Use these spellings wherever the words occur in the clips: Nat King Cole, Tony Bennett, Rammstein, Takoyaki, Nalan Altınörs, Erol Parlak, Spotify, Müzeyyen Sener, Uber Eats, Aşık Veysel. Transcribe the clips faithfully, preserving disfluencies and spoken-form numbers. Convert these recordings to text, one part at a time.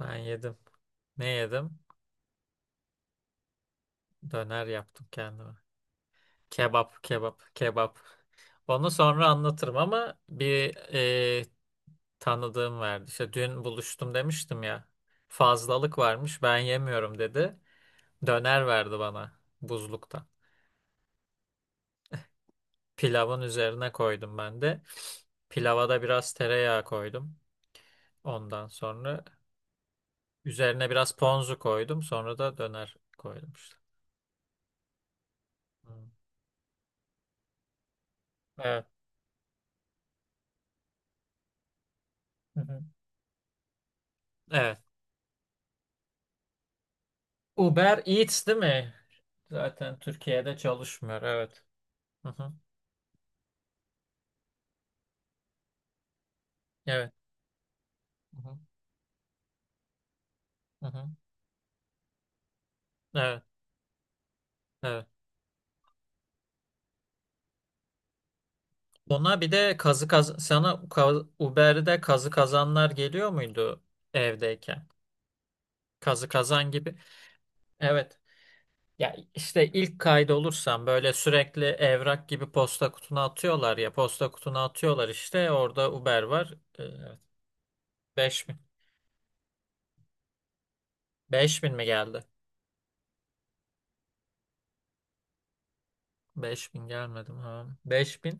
Ben yedim. Ne yedim? Döner yaptım kendime. Kebap, kebap, kebap. Onu sonra anlatırım ama bir e, tanıdığım verdi. İşte dün buluştum demiştim ya. Fazlalık varmış, ben yemiyorum dedi. Döner verdi bana buzlukta. Pilavın üzerine koydum ben de. Pilava da biraz tereyağı koydum. Ondan sonra üzerine biraz ponzu koydum. Sonra da döner koydum işte. Hmm. Evet. Hı hı. Evet. Uber Eats değil mi? Zaten Türkiye'de çalışmıyor. Evet. Hı hı. Evet. Hı hı. Hı hı. Evet. Evet. Ona bir de kazı kaz sana ka- Uber'de kazı kazanlar geliyor muydu evdeyken? Kazı kazan gibi. Evet. Ya işte ilk kaydolursan böyle sürekli evrak gibi posta kutuna atıyorlar ya. Posta kutuna atıyorlar işte. Orada Uber var. Ee, Evet. Beş bin beş bin mi geldi? beş bin gelmedi mi? Ha. Beş bin.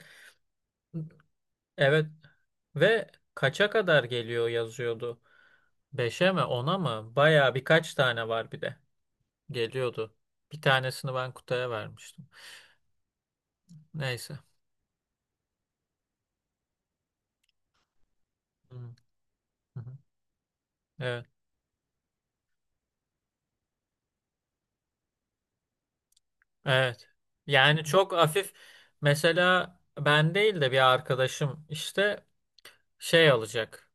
Evet ve kaça kadar geliyor yazıyordu. Beşe mi ona mı? Baya birkaç tane var bir de. Geliyordu. Bir tanesini ben kutuya vermiştim. Neyse. Hı hı. Evet. Evet. Yani çok hafif, mesela ben değil de bir arkadaşım işte şey alacak.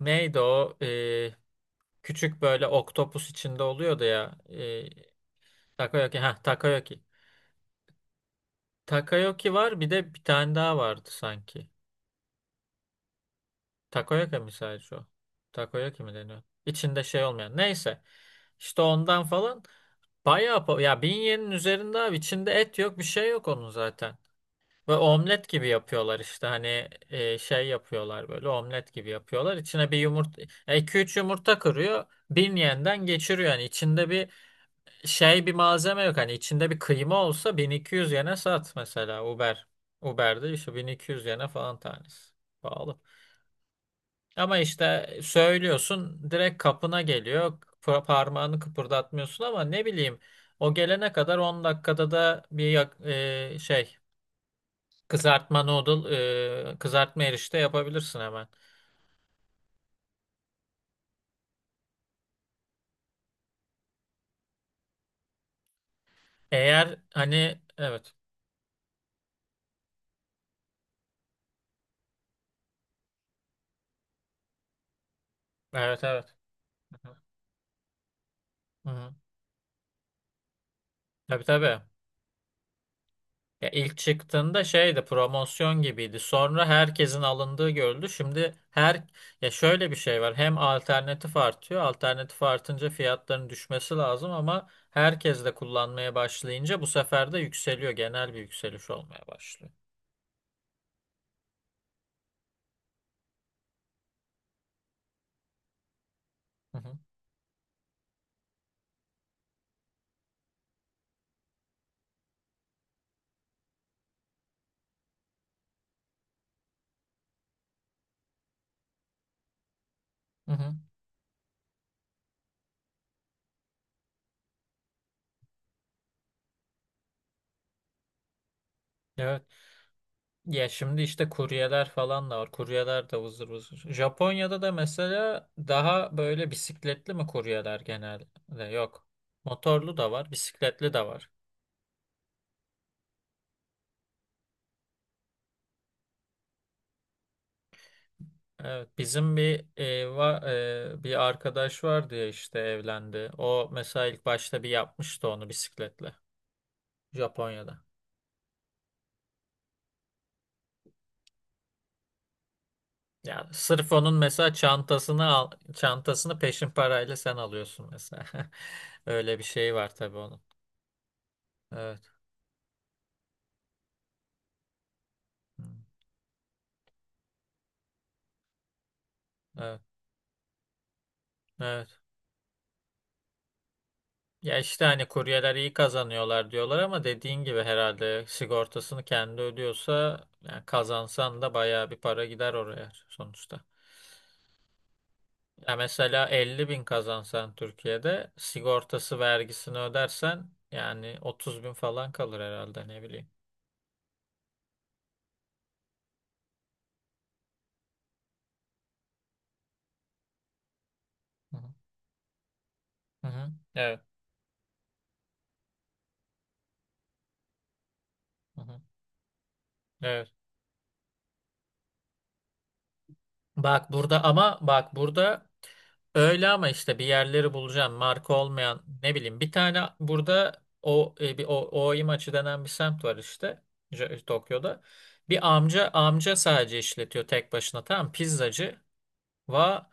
Neydi o? Ee, küçük böyle oktopus içinde oluyordu ya. Ee, Takayoki. Ha, Takayoki. Takayoki var bir de bir tane daha vardı sanki. Takoyaki mi sadece o? Takoyaki mi deniyor? İçinde şey olmayan. Neyse. İşte ondan falan bayağı pa- ya bin yenin üzerinde abi, içinde et yok bir şey yok onun zaten. Ve omlet gibi yapıyorlar işte, hani e, şey yapıyorlar, böyle omlet gibi yapıyorlar. İçine bir yumurta iki üç yumurta kırıyor. Bin yenden geçiriyor yani, içinde bir şey bir malzeme yok, hani içinde bir kıyma olsa bin iki yüz yene sat mesela, Uber. Uber'de işte bin iki yüz yene falan tanesi. Pahalı. Ama işte söylüyorsun direkt kapına geliyor. Pa- Parmağını kıpırdatmıyorsun, ama ne bileyim o gelene kadar on dakikada da bir yak- e, şey kızartma noodle e, kızartma erişte yapabilirsin hemen. Eğer hani, evet evet evet. Hı-hı. Tabii tabii. Ya ilk çıktığında şeydi, promosyon gibiydi. Sonra herkesin alındığı görüldü. Şimdi her, ya şöyle bir şey var. Hem alternatif artıyor. Alternatif artınca fiyatların düşmesi lazım, ama herkes de kullanmaya başlayınca bu sefer de yükseliyor. Genel bir yükseliş olmaya başlıyor. Hı hı. Hı hı. Evet. Ya şimdi işte kuryeler falan da var. Kuryeler de vızır vızır. Japonya'da da mesela daha böyle bisikletli mi kuryeler genelde? Yok. Motorlu da var, bisikletli de var. Evet, bizim bir e, va, e, bir arkadaş vardı ya işte, evlendi. O mesela ilk başta bir yapmıştı onu bisikletle, Japonya'da. Ya sırf onun mesela çantasını al, çantasını peşin parayla sen alıyorsun mesela. Öyle bir şey var tabii onun. Evet. Hmm. Evet. Evet. Ya işte hani kuryeler iyi kazanıyorlar diyorlar, ama dediğin gibi herhalde sigortasını kendi ödüyorsa, yani kazansan da bayağı bir para gider oraya sonuçta. Ya mesela elli bin kazansan Türkiye'de, sigortası vergisini ödersen yani otuz bin falan kalır herhalde, ne bileyim. Hı hı. Hı hı. Evet. Hı hı. Evet. Bak burada, ama bak burada öyle, ama işte bir yerleri bulacağım, marka olmayan, ne bileyim bir tane burada, o e, bir o Ooi maçı denen bir semt var işte, J- e, Tokyo'da. Bir amca amca sadece işletiyor tek başına, tamam, pizzacı. Va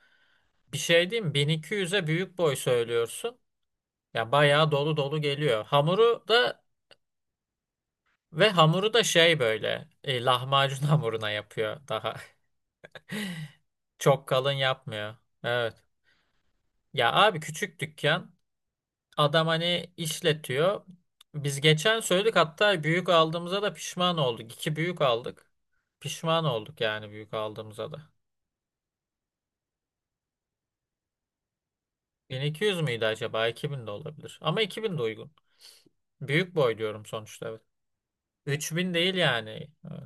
bir şey diyeyim mi? bin iki yüze büyük boy söylüyorsun. Ya bayağı dolu dolu geliyor. Hamuru da ve hamuru da şey böyle e, lahmacun hamuruna yapıyor daha. Çok kalın yapmıyor. Evet. Ya abi, küçük dükkan. Adam hani işletiyor. Biz geçen söyledik hatta, büyük aldığımıza da pişman olduk. İki büyük aldık. Pişman olduk yani, büyük aldığımıza da. Bin iki yüz müydü acaba? iki bin de olabilir. Ama iki bin de uygun. Büyük boy diyorum sonuçta, evet. Üç bin değil yani. Evet.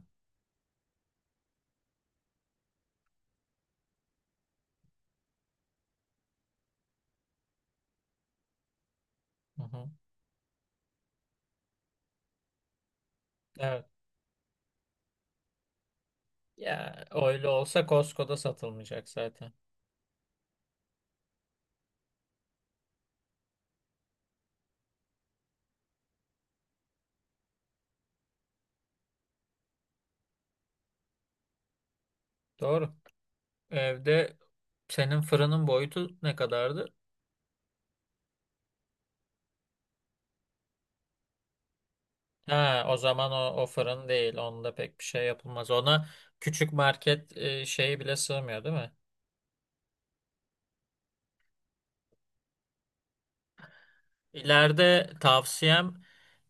Hı hı. Evet. Ya öyle olsa Costco'da satılmayacak zaten. Doğru. Evde senin fırının boyutu ne kadardı? Ha, o zaman o, o fırın değil. Onda pek bir şey yapılmaz. Ona küçük market e, şeyi bile sığmıyor, değil mi? İleride tavsiyem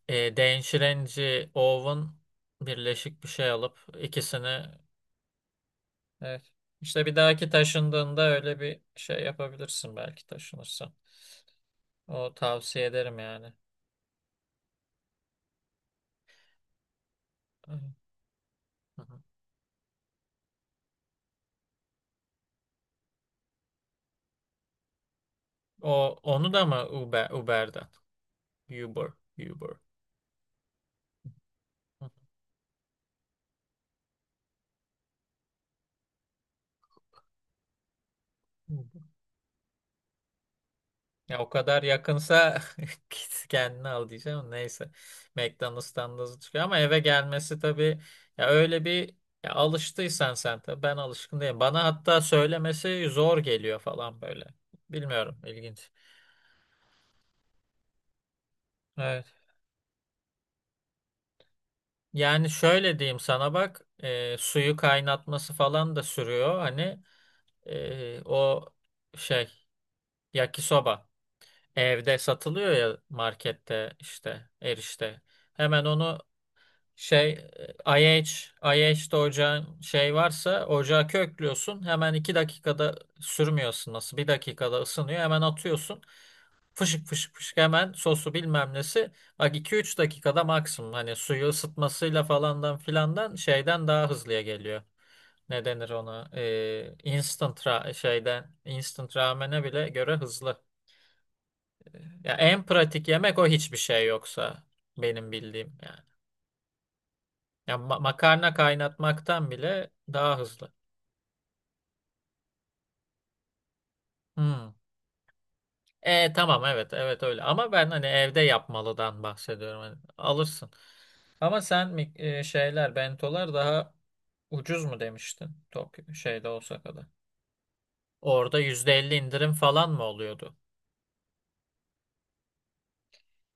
e,電子renci, oven birleşik bir şey alıp ikisini, evet. İşte bir dahaki taşındığında öyle bir şey yapabilirsin, belki taşınırsan. O tavsiye ederim yani. Hı hı. O onu da mı Uber Uber'den? Uber, Uber. Hı, Uber. Ya o kadar yakınsa git kendini al diyeceğim. Ama neyse. McDonald's'tan da hızlı çıkıyor, ama eve gelmesi tabii, ya öyle bir ya alıştıysan sen tabii, ben alışkın değilim. Bana hatta söylemesi zor geliyor falan böyle. Bilmiyorum, ilginç. Evet. Yani şöyle diyeyim sana, bak e, suyu kaynatması falan da sürüyor hani e, o şey, yakisoba. Evde satılıyor ya markette, işte erişte. Hemen onu şey e, I H, I H'de ocağın şey varsa ocağa köklüyorsun. Hemen iki dakikada sürmüyorsun, nasıl, bir dakikada ısınıyor. Hemen atıyorsun. Fışık fışık fışık, hemen sosu bilmem nesi. Bak iki üç dakikada maksimum. Hani suyu ısıtmasıyla falandan filandan şeyden daha hızlıya geliyor. Ne denir ona? Ee, instant ra- şeyden instant ramene bile göre hızlı. Ya en pratik yemek o, hiçbir şey yoksa benim bildiğim yani. Ya ma- makarna kaynatmaktan bile daha hızlı. Hmm. E tamam, evet evet, öyle. Ama ben hani evde yapmalıdan bahsediyorum. Hani alırsın. Ama sen mi- e, şeyler, bentolar daha ucuz mu demiştin? Tokyo şeyde, Osaka'da. Orada yüzde elli indirim falan mı oluyordu?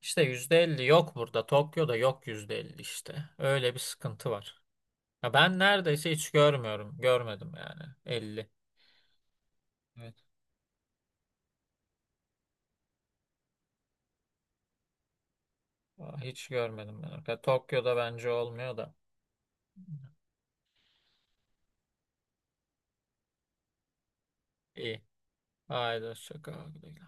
İşte yüzde elli yok burada. Tokyo'da yok yüzde elli işte. Öyle bir sıkıntı var. Ya ben neredeyse hiç görmüyorum. Görmedim yani. Elli. Evet. Aa, hiç görmedim ben. Tokyo'da bence olmuyor da. İyi. Haydi hoşça kal. Güle güle.